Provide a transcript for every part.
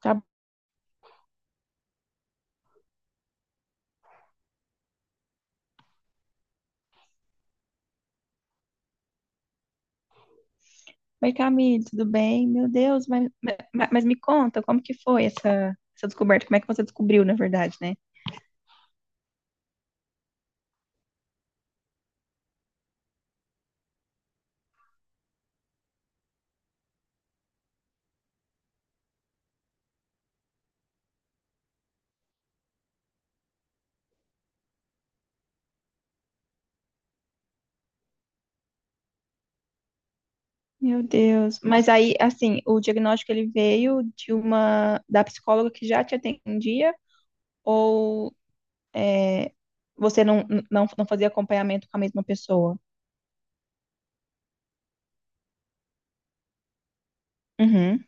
Tá, oi Camille, tudo bem? Meu Deus, mas me conta, como que foi essa descoberta? Como é que você descobriu, na verdade, né? Meu Deus. Mas o diagnóstico ele veio de uma da psicóloga que já te atendia ou é, você não fazia acompanhamento com a mesma pessoa? Uhum.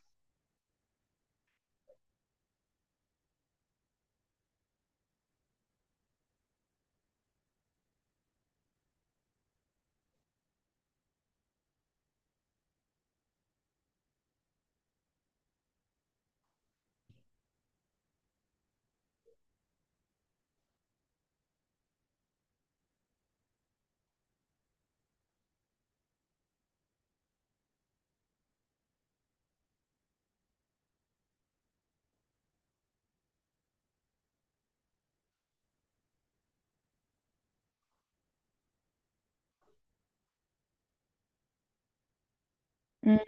Hum,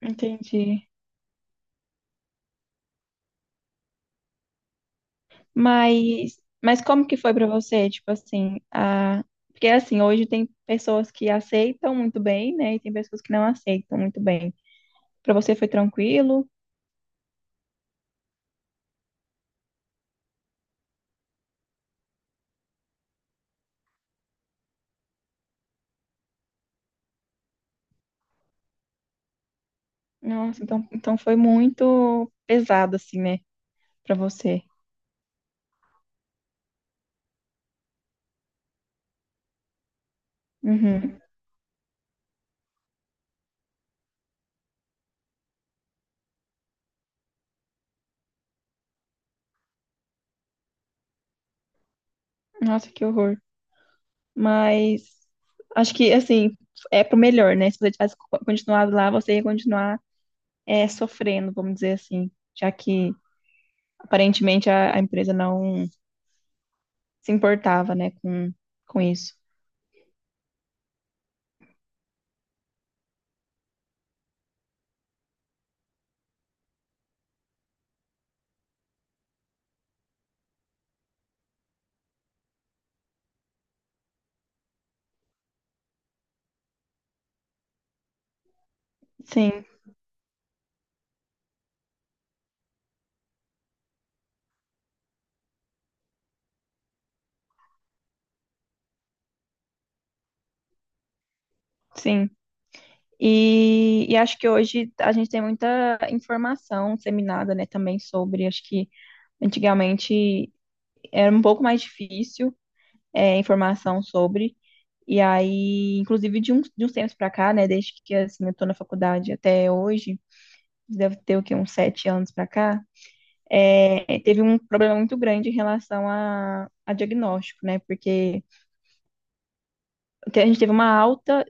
entendi. Mas como que foi pra você, tipo assim, a... Porque assim, hoje tem pessoas que aceitam muito bem, né, e tem pessoas que não aceitam muito bem. Pra você foi tranquilo? Nossa, então, então foi muito pesado, assim, né, pra você. Uhum. Nossa, que horror. Mas acho que, assim, é pro melhor, né, se você tivesse continuado lá, você ia continuar sofrendo, vamos dizer assim, já que aparentemente a empresa não se importava, né, com isso. Sim, sim. E acho que hoje a gente tem muita informação disseminada, né, também sobre, acho que antigamente era um pouco mais difícil informação sobre, e aí, inclusive de uns tempos para cá, né, desde que assim, eu tô na faculdade até hoje, deve ter o quê, uns sete anos para cá, teve um problema muito grande em relação a diagnóstico, né, porque a gente teve uma alta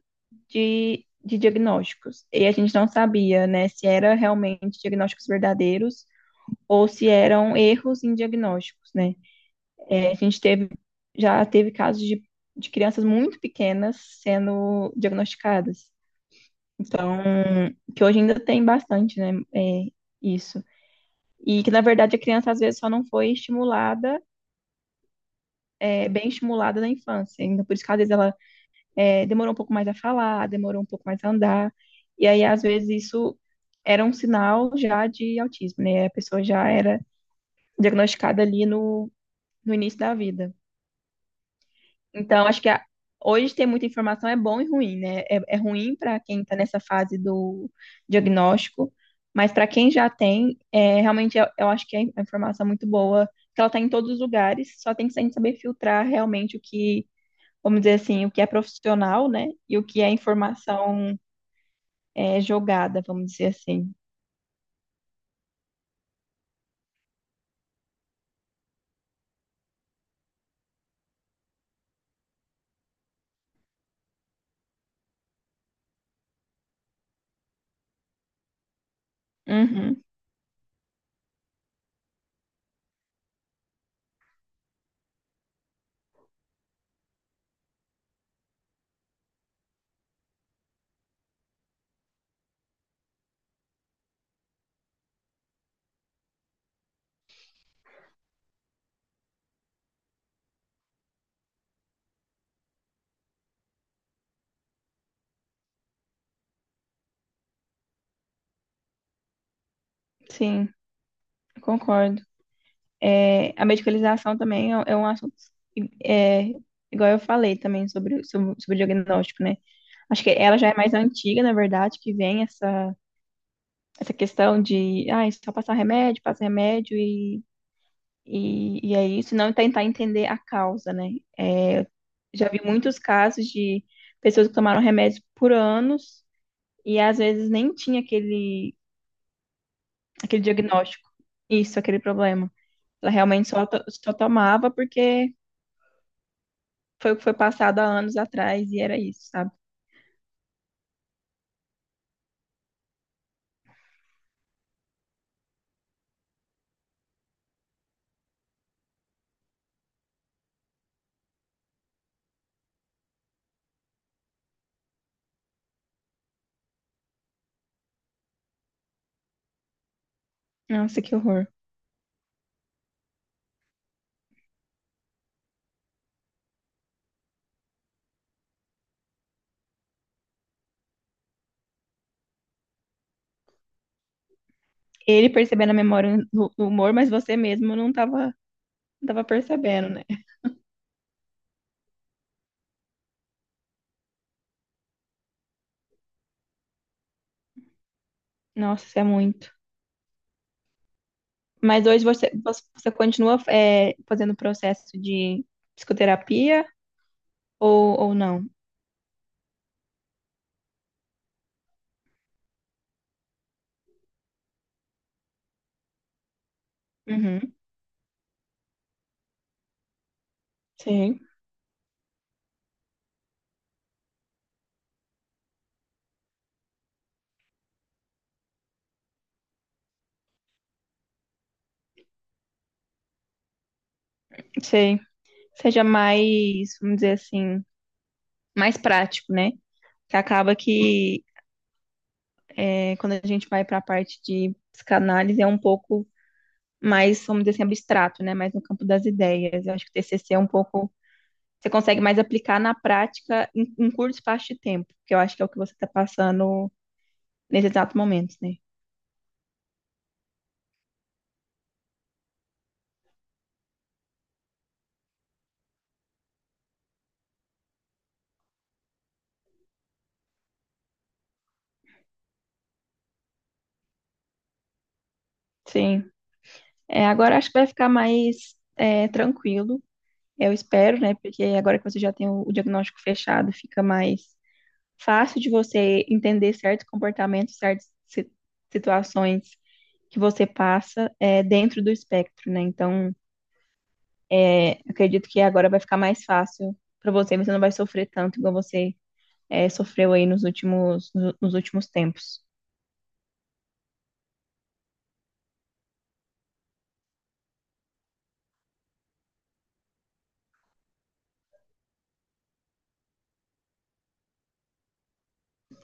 de diagnósticos. E a gente não sabia, né, se era realmente diagnósticos verdadeiros ou se eram erros em diagnósticos, né? É, a gente teve, já teve casos de crianças muito pequenas sendo diagnosticadas. Então, que hoje ainda tem bastante, né, é, isso. E que, na verdade, a criança, às vezes, só não foi estimulada, bem estimulada na infância. Então, por isso que, às vezes, ela demorou um pouco mais a falar, demorou um pouco mais a andar. E aí, às vezes, isso era um sinal já de autismo, né? A pessoa já era diagnosticada ali no início da vida. Então, hoje ter muita informação é bom e ruim, né? É, é ruim para quem está nessa fase do diagnóstico, mas para quem já tem, é, realmente eu acho que é uma informação é muito boa, porque ela está em todos os lugares, só tem que a saber filtrar realmente o que, vamos dizer assim, o que é profissional, né? E o que é informação jogada, vamos dizer assim. Uhum, sim, concordo. É, a medicalização também é um assunto, é, igual eu falei também sobre o diagnóstico, né? Acho que ela já é mais antiga, na verdade, que vem essa, essa questão de, ah, é só passar remédio, passa remédio e, e é isso, não tentar entender a causa, né? É, já vi muitos casos de pessoas que tomaram remédio por anos e às vezes nem tinha aquele diagnóstico. Isso, aquele problema. Ela realmente só, só tomava porque foi o que foi passado há anos atrás e era isso, sabe? Nossa, que horror. Ele percebendo a memória do humor, mas você mesmo não tava, não tava percebendo, né? Nossa, isso é muito. Mas hoje você, você continua é, fazendo o processo de psicoterapia ou não? Uhum, sim. Sei. Seja mais, vamos dizer assim, mais prático, né? Que acaba que é, quando a gente vai para a parte de psicanálise, é um pouco mais, vamos dizer assim, abstrato, né? Mais no campo das ideias. Eu acho que o TCC é um pouco. Você consegue mais aplicar na prática em, em curto espaço de tempo, que eu acho que é o que você está passando nesse exato momento, né? Sim. É, agora acho que vai ficar mais é, tranquilo, eu espero, né? Porque agora que você já tem o diagnóstico fechado, fica mais fácil de você entender certos comportamentos, certas situações que você passa é, dentro do espectro, né? Então, é, acredito que agora vai ficar mais fácil para você, você não vai sofrer tanto igual você é, sofreu aí nos últimos, nos últimos tempos.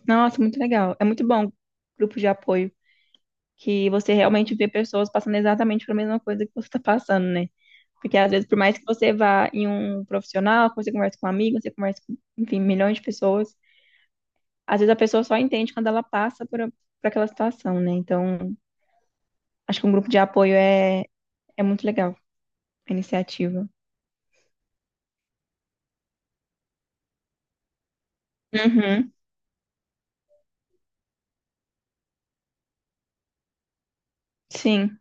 Nossa, muito legal. É muito bom grupo de apoio, que você realmente vê pessoas passando exatamente pela mesma coisa que você está passando, né? Porque às vezes, por mais que você vá em um profissional, que você converse com um amigo, você conversa com, enfim, milhões de pessoas, às vezes a pessoa só entende quando ela passa por aquela situação, né? Então, acho que um grupo de apoio é é muito legal a iniciativa. Uhum, sim.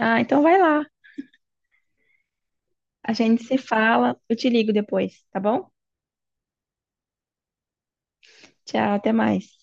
Ah, então vai lá. A gente se fala. Eu te ligo depois, tá bom? Tchau, até mais.